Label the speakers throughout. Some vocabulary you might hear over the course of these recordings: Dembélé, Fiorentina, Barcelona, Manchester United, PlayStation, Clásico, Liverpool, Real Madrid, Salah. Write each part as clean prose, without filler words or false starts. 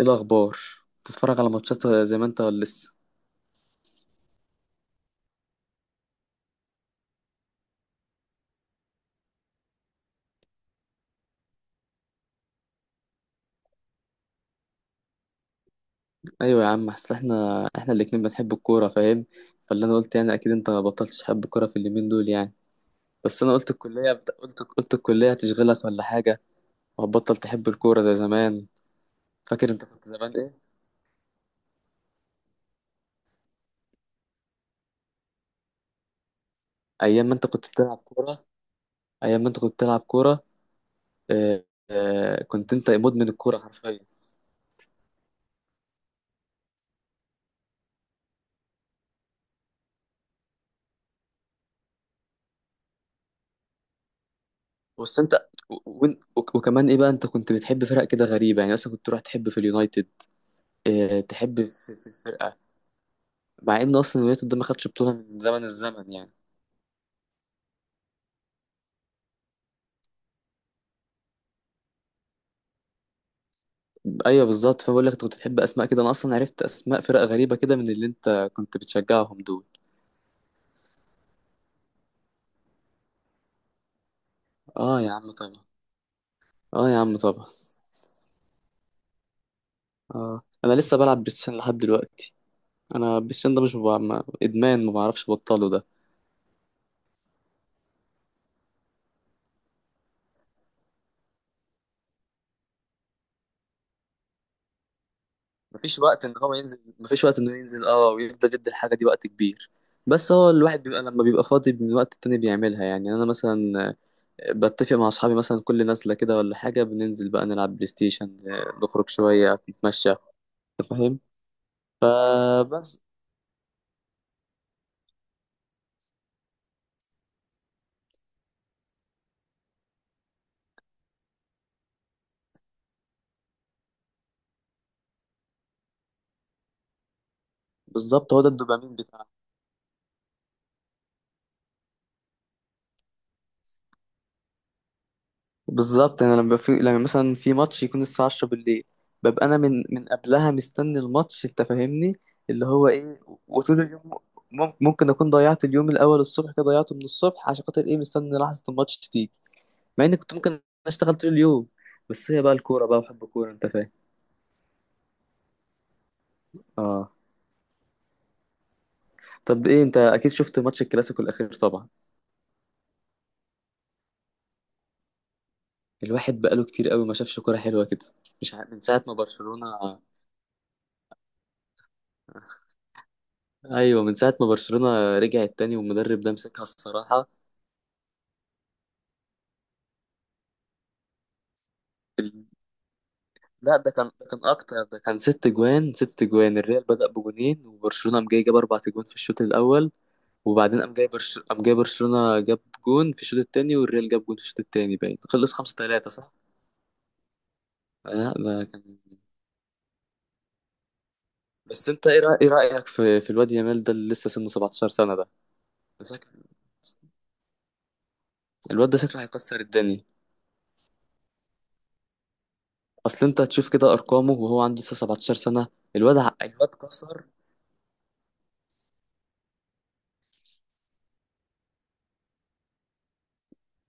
Speaker 1: ايه الاخبار؟ بتتفرج على ماتشات زي ما انت ولا لسه؟ ايوه يا عم، اصل احنا الاتنين بنحب الكوره، فاهم؟ فاللي انا قلت يعني، اكيد انت ما بطلتش تحب الكوره في اليومين دول يعني. بس انا قلت الكليه هتشغلك ولا حاجه، وهتبطل تحب الكوره زي زمان. فاكر انت كنت زمان ايه؟ ايام ما انت كنت بتلعب كوره. ايام ما انت كنت بتلعب كوره. اه... كنت انت مدمن الكوره حرفيا. بس انت وكمان ايه بقى، انت كنت بتحب فرق كده غريبه يعني، مثلا كنت تروح تحب في اليونايتد. اه... تحب في الفرقه. مع ان اصلا اليونايتد ده ما خدش بطوله من زمن الزمن يعني. ايوه بالظبط، فبقول لك انت كنت بتحب اسماء كده. انا اصلا عرفت اسماء فرق غريبه كده من اللي انت كنت بتشجعهم دول. اه يا عم طبعا. اه يا عم طبعا. اه، انا لسه بلعب بلاي ستيشن لحد دلوقتي. انا بلاي ستيشن ده مش ببع... ما... ادمان ما بعرفش ابطله ده. مفيش وقت انه ينزل ويفضل يدي الحاجه دي وقت كبير. بس هو الواحد بيبقى لما بيبقى فاضي من وقت التاني بيعملها يعني، انا مثلا بتفق مع اصحابي مثلا، كل نازله كده ولا حاجه بننزل بقى نلعب بلاي ستيشن، نخرج شويه نتمشى. انت فاهم؟ فبس. بالظبط، هو ده الدوبامين بتاعنا. بالظبط، انا لما مثلا في ماتش يكون الساعه 10 بالليل، ببقى انا من قبلها مستني الماتش، انت فاهمني؟ اللي هو ايه، وطول اليوم ممكن اكون ضيعت اليوم الاول الصبح كده، ضيعته من الصبح عشان خاطر ايه؟ مستني لحظه الماتش تيجي، مع اني كنت ممكن اشتغل طول اليوم، بس هي بقى الكوره بقى وحب الكوره، انت فاهم؟ اه. طب ايه، انت اكيد شفت ماتش الكلاسيكو الاخير طبعا. الواحد بقاله كتير قوي ما شافش كوره حلوه كده. مش ع... من ساعه ما برشلونه ايوه، من ساعه ما برشلونه رجعت تاني والمدرب ده مسكها الصراحه. ال... لا، ده كان اكتر، ده كان ست جوان ست جوان. الريال بدأ بجونين وبرشلونه قام جاي جاب اربع جوان في الشوط الاول، وبعدين قام جاي برشلونه جاب جون في الشوط التاني، والريال جاب جون في الشوط التاني، باين خلص 5-3 صح؟ لا ده كان بس انت إيه رأيك في الواد يامال ده، اللي لسه سنه 17 سنه ده؟ شكل- الواد ده شكله هيكسر الدنيا. اصل انت هتشوف كده ارقامه، وهو عنده لسه 17 سنه. الواد كسر.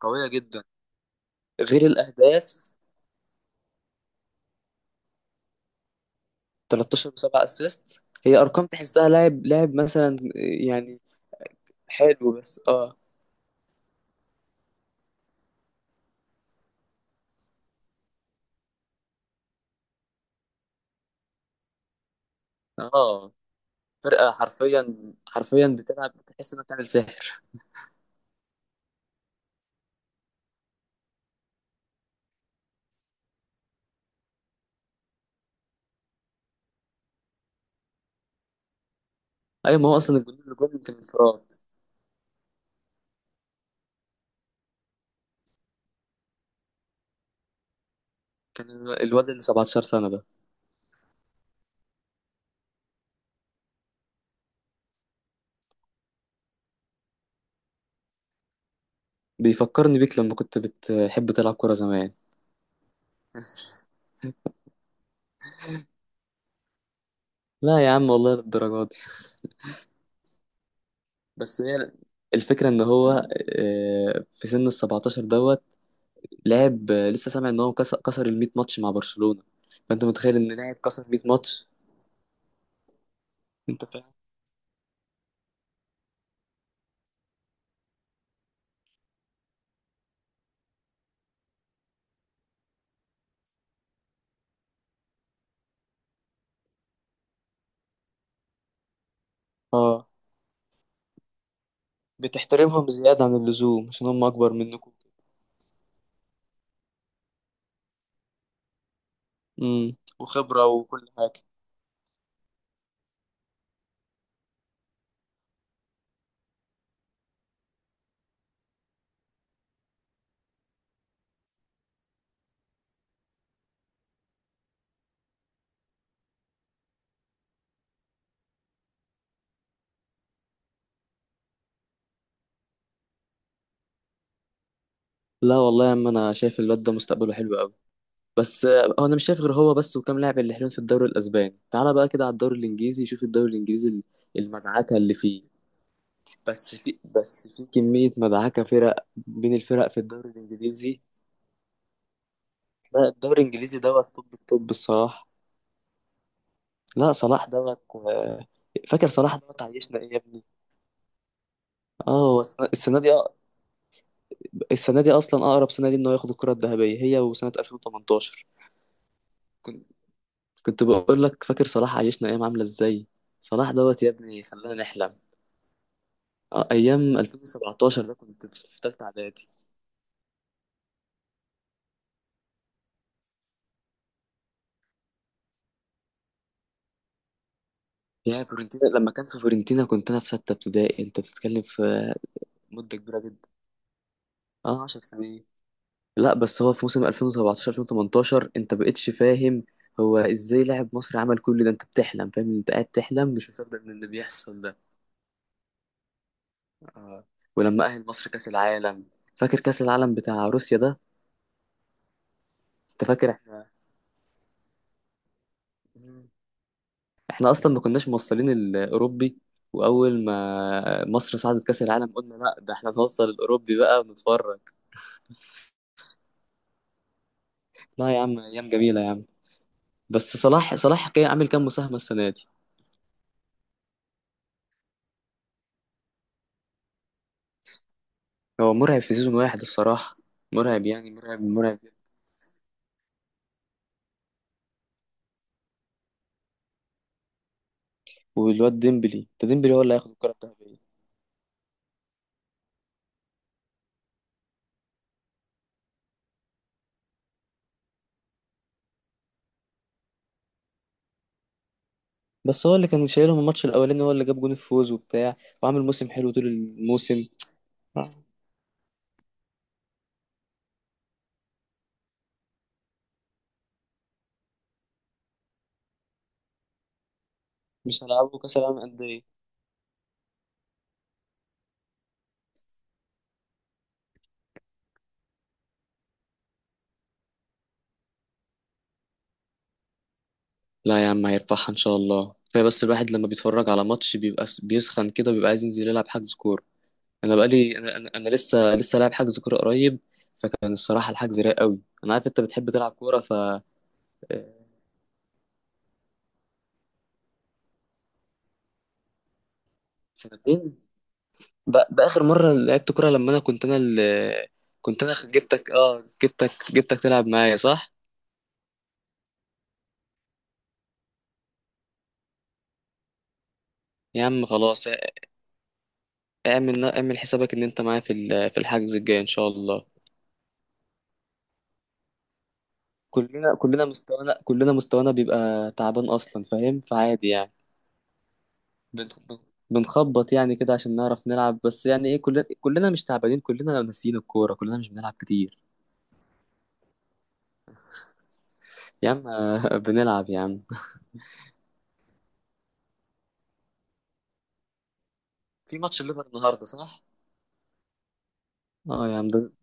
Speaker 1: قويه جدا، غير الاهداف. 13 و7 اسيست، هي ارقام تحسها لاعب لاعب مثلا يعني. حلو بس، اه فرقه حرفيا حرفيا بتلعب، تحس انها بتعمل سحر. ايوه، ما هو اصلا الجون اللي جون كان انفراد. كان الواد اللي 17 سنه ده بيفكرني بيك لما كنت بتحب تلعب كوره زمان. لا يا عم، والله للدرجات. بس هي الفكرة ان هو في سن ال 17 دوت لعب، لسه سامع ان هو كسر ال 100 ماتش مع برشلونة. فانت متخيل ان لاعب كسر 100 ماتش، انت فاهم؟ اه، بتحترمهم زيادة عن اللزوم عشان هم اكبر منكم. وخبرة وكل حاجة. لا والله يا عم، انا شايف الواد ده مستقبله حلو قوي. بس هو انا مش شايف غير هو بس وكام لاعب اللي حلوين في الدوري الاسباني. تعالى بقى كده على الدوري الانجليزي، شوف الدوري الانجليزي المدعكة اللي فيه. بس في كمية مدعكة فرق بين الفرق في الدوري الإنجليزي. لا الدوري الإنجليزي دوت. طب الصراحة. لا صلاح دوت فاكر صلاح دوت عايشنا إيه يا ابني؟ اه، هو السنة دي السنة دي أصلا أقرب سنة دي إنه ياخد الكرة الذهبية، هي وسنة 2018. كنت كنت بقول لك فاكر صلاح عايشنا أيام عاملة إزاي؟ صلاح دوت يا ابني، خلانا نحلم. أيام 2017 ده كنت في تالتة إعدادي. يا فورنتينا، لما كان في فورنتينا كنت انا في سته ابتدائي. انت بتتكلم في مدة كبيرة جدا. اه، 10 سنين. لا، بس هو في موسم 2017 2018 انت بقتش فاهم هو ازاي لاعب مصري عمل كل ده؟ انت بتحلم، فاهم؟ انت قاعد تحلم مش مصدق ان اللي بيحصل ده. آه. ولما اهل مصر كاس العالم، فاكر كاس العالم بتاع روسيا ده؟ انت فاكر احنا مم. احنا اصلا ما كناش موصلين الاوروبي، واول ما مصر صعدت كاس العالم قلنا لا ده احنا نوصل الاوروبي بقى ونتفرج. لا يا عم، ايام جميلة يا عم. بس صلاح كان عامل كام مساهمة السنة دي؟ هو مرعب في سيزون واحد الصراحة. مرعب يعني، مرعب مرعب. والواد ديمبلي ده، ديمبلي هو اللي هياخد الكرة الذهبية. بس هو اللي كان شايلهم الماتش الأولاني، هو اللي جاب جون الفوز وبتاع، وعامل موسم حلو طول الموسم. مش هلعبه كأس العالم أندية. لا يا عم، هيرفعها إن شاء الله. كفاية، بس الواحد لما بيتفرج على ماتش بيبقى بيسخن كده، بيبقى عايز ينزل يلعب حجز كورة. أنا بقالي، أنا لسه لاعب حجز كورة قريب. فكان الصراحة الحجز رايق قوي، أنا عارف أنت بتحب تلعب كورة ف. آه، سنتين. باخر مره لعبت كوره لما انا كنت انا اللي، كنت انا جبتك اه جبتك جبتك تلعب معايا صح؟ يا عم خلاص، اعمل اعمل حسابك ان انت معايا في الحجز الجاي ان شاء الله. كلنا مستوانا بيبقى تعبان اصلا، فاهم؟ فعادي يعني. بن- بن- بنخبط يعني كده عشان نعرف نلعب بس يعني ايه. كلنا مش تعبانين، كلنا ناسيين الكوره، كلنا مش بنلعب كتير. يا عم بنلعب يا عم. في ماتش الليفر النهارده صح؟ اه يا عم،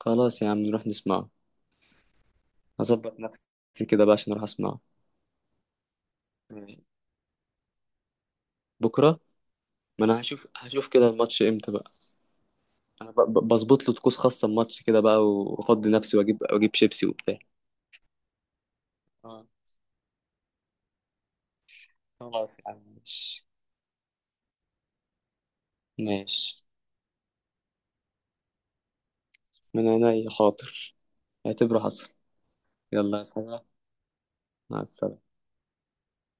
Speaker 1: خلاص يا عم، نروح نسمعه. هظبط نفسي كده بقى عشان اروح اسمعه. بكره. ما انا هشوف كده الماتش امتى بقى. انا بظبط له طقوس خاصه الماتش كده بقى، وافضي نفسي واجيب شيبسي وبتاع. اه خلاص يا عم ماشي. ماشي، من عينيا حاضر. اعتبره حصل. يلا يا سلام. مع السلامه.